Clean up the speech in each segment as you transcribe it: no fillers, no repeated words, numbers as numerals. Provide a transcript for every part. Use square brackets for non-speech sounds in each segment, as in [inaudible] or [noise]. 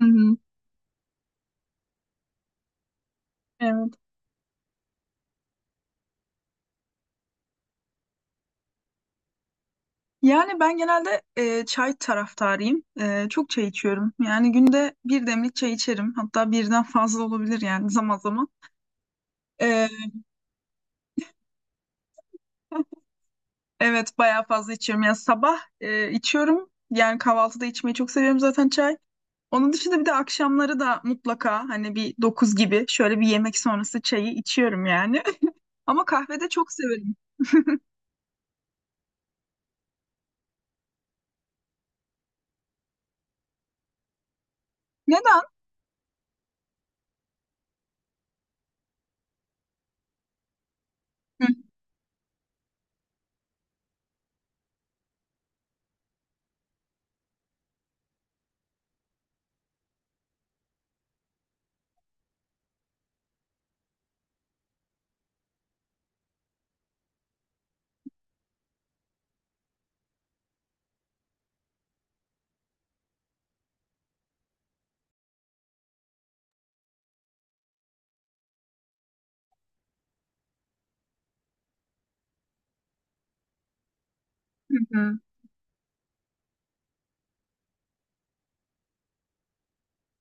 Hı hı. Evet. Yani ben genelde çay taraftarıyım. Çok çay içiyorum. Yani günde bir demlik çay içerim. Hatta birden fazla olabilir yani [laughs] zaman zaman. E, [laughs] evet bayağı fazla içiyorum. Yani sabah içiyorum. Yani kahvaltıda içmeyi çok seviyorum zaten çay. Onun dışında bir de akşamları da mutlaka hani bir 9 gibi şöyle bir yemek sonrası çayı içiyorum yani. [laughs] Ama kahvede çok severim. Neden? Hı hı hı.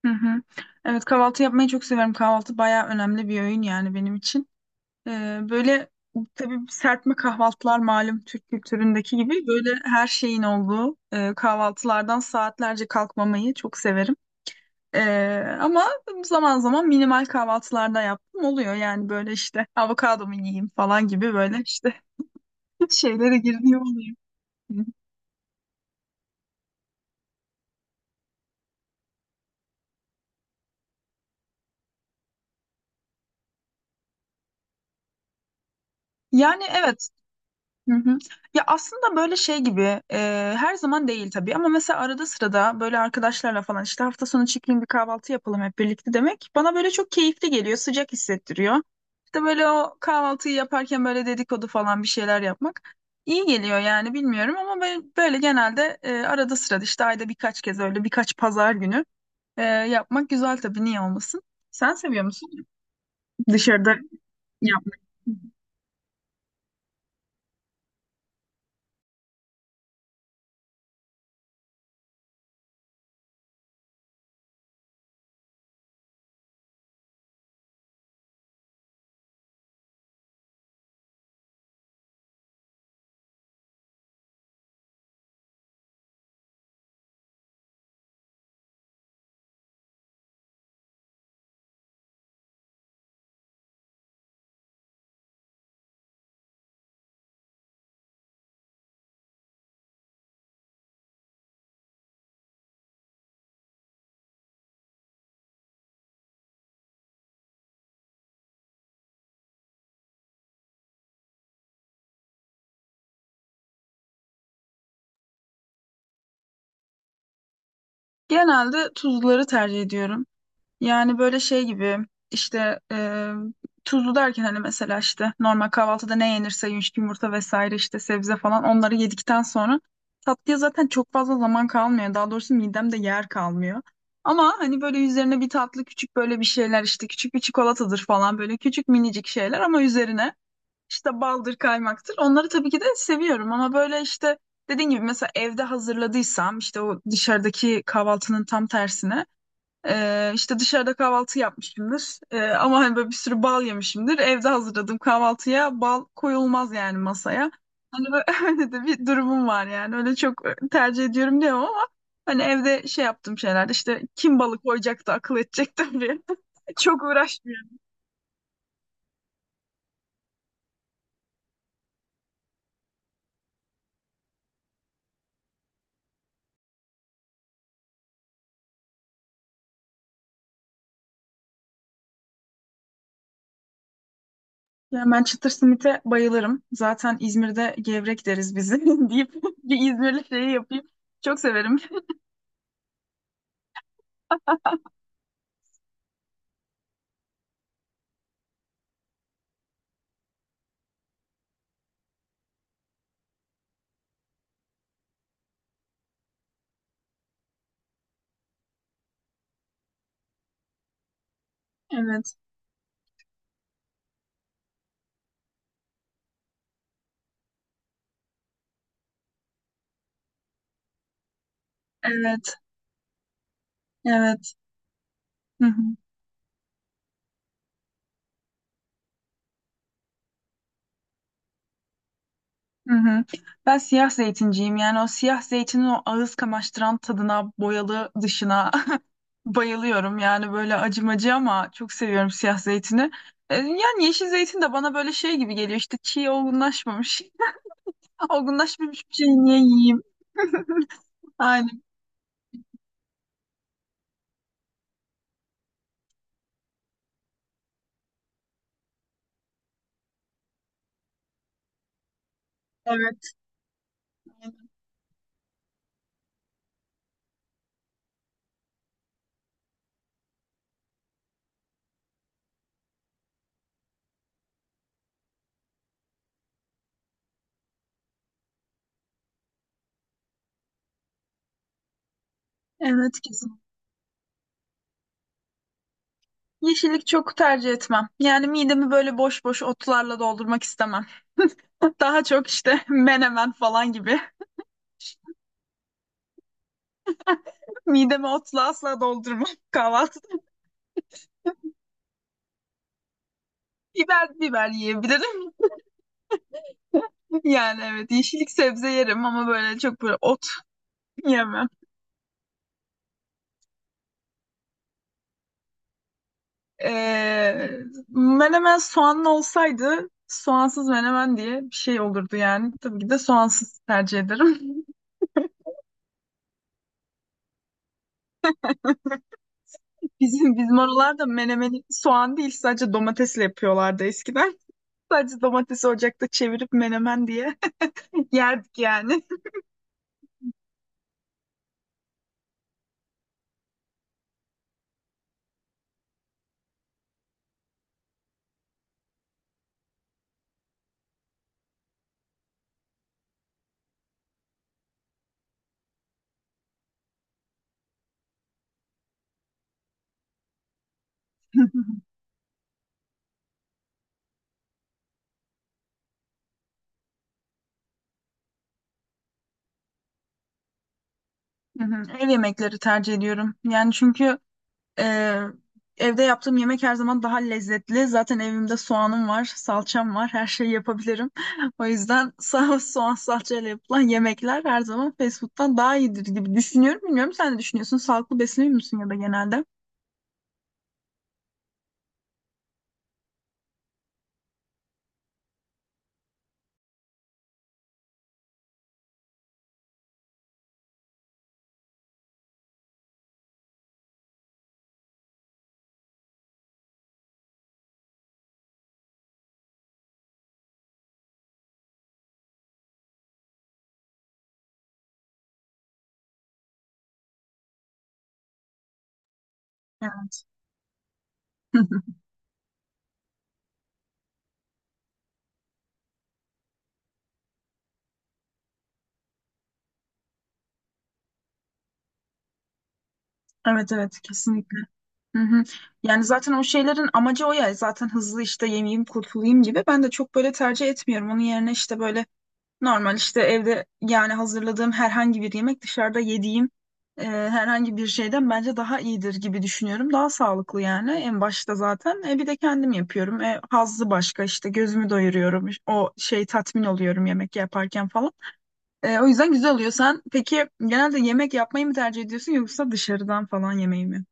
Hı hı. Evet kahvaltı yapmayı çok severim. Kahvaltı bayağı önemli bir öğün yani benim için. Böyle tabii serpme kahvaltılar malum Türk kültüründeki gibi böyle her şeyin olduğu kahvaltılardan saatlerce kalkmamayı çok severim. Ama zaman zaman minimal kahvaltılarda yaptım oluyor yani böyle işte avokado mu yiyeyim falan gibi böyle işte [laughs] şeylere girdiğim oluyor. Yani evet. Hı hı. Ya aslında böyle şey gibi her zaman değil tabii ama mesela arada sırada böyle arkadaşlarla falan işte hafta sonu çıkayım bir kahvaltı yapalım hep birlikte demek bana böyle çok keyifli geliyor, sıcak hissettiriyor. İşte böyle o kahvaltıyı yaparken böyle dedikodu falan bir şeyler yapmak iyi geliyor yani, bilmiyorum ama ben böyle genelde arada sırada işte ayda birkaç kez öyle birkaç pazar günü yapmak güzel, tabii niye olmasın. Sen seviyor musun dışarıda yapmak? Genelde tuzluları tercih ediyorum. Yani böyle şey gibi işte tuzlu derken hani mesela işte normal kahvaltıda ne yenirse, yumuşak yumurta vesaire işte sebze falan, onları yedikten sonra tatlıya zaten çok fazla zaman kalmıyor. Daha doğrusu midemde yer kalmıyor. Ama hani böyle üzerine bir tatlı küçük böyle bir şeyler işte küçük bir çikolatadır falan, böyle küçük minicik şeyler ama üzerine işte baldır kaymaktır. Onları tabii ki de seviyorum ama böyle işte dediğim gibi mesela evde hazırladıysam işte o dışarıdaki kahvaltının tam tersine işte dışarıda kahvaltı yapmışımdır. Ama hani böyle bir sürü bal yemişimdir. Evde hazırladığım kahvaltıya bal koyulmaz yani masaya. Hani böyle [laughs] öyle de bir durumum var yani. Öyle çok tercih ediyorum diyemem ama hani evde şey yaptığım şeyler işte kim balı koyacaktı akıl edecek de diye [laughs] çok uğraşmıyorum. Yani ben çıtır simite bayılırım. Zaten İzmir'de gevrek deriz biz, [laughs] deyip bir İzmirli şeyi yapayım. Çok severim. Evet. Evet. Evet. Hı hı. Hı hı. Ben siyah zeytinciyim yani, o siyah zeytinin o ağız kamaştıran tadına, boyalı dışına [laughs] bayılıyorum yani, böyle acımacı ama çok seviyorum siyah zeytini. Yani yeşil zeytin de bana böyle şey gibi geliyor işte çiğ, olgunlaşmamış [laughs] bir şeyi niye yiyeyim? [laughs] Aynen, evet evet kesin. Yeşillik çok tercih etmem. Yani midemi böyle boş boş otlarla doldurmak istemem. [laughs] Daha çok işte [laughs] menemen falan gibi. [laughs] Midemi otla asla doldurmam [laughs] kahvaltı. Biber, biber yiyebilirim. [laughs] Yani evet, yeşillik sebze yerim ama böyle çok böyle ot [laughs] yemem. Ee, Menemen soğanlı olsaydı soğansız menemen diye bir şey olurdu yani. Tabii ki de soğansız tercih ederim. [laughs] Bizim oralarda menemeni soğan değil sadece domatesle yapıyorlardı eskiden. [laughs] Sadece domatesi ocakta çevirip menemen diye [laughs] yerdik yani. [laughs] Hı hı. Ev yemekleri tercih ediyorum. Yani çünkü Ee, evde yaptığım yemek her zaman daha lezzetli. Zaten evimde soğanım var, salçam var, her şeyi yapabilirim. [laughs] O yüzden soğan salçayla yapılan yemekler her zaman fast food'dan daha iyidir gibi düşünüyorum. Bilmiyorum sen ne düşünüyorsun? Sağlıklı besleniyor musun ya da genelde? Yani. [laughs] Evet evet kesinlikle. Hı hı. Yani zaten o şeylerin amacı o ya, zaten hızlı işte yemeyeyim kurtulayım gibi. Ben de çok böyle tercih etmiyorum. Onun yerine işte böyle normal işte evde yani hazırladığım herhangi bir yemek, dışarıda yediğim herhangi bir şeyden bence daha iyidir gibi düşünüyorum. Daha sağlıklı yani en başta zaten. Bir de kendim yapıyorum. Hazzı başka, işte gözümü doyuruyorum. O şey, tatmin oluyorum yemek yaparken falan. O yüzden güzel oluyor. Sen peki genelde yemek yapmayı mı tercih ediyorsun yoksa dışarıdan falan yemeği mi?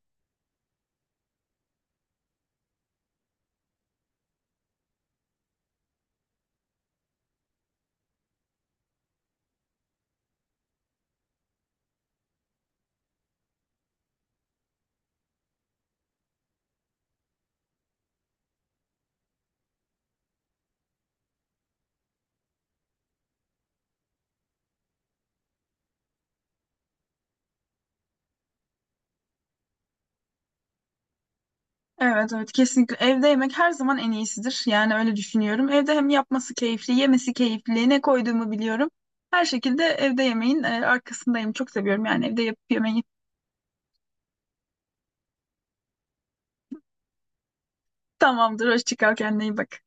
Evet evet kesinlikle evde yemek her zaman en iyisidir. Yani öyle düşünüyorum. Evde hem yapması keyifli, yemesi keyifli, ne koyduğumu biliyorum. Her şekilde evde yemeğin arkasındayım. Çok seviyorum yani evde yapıp yemeği. [laughs] Tamamdır, hoşça kal, kendine iyi bak.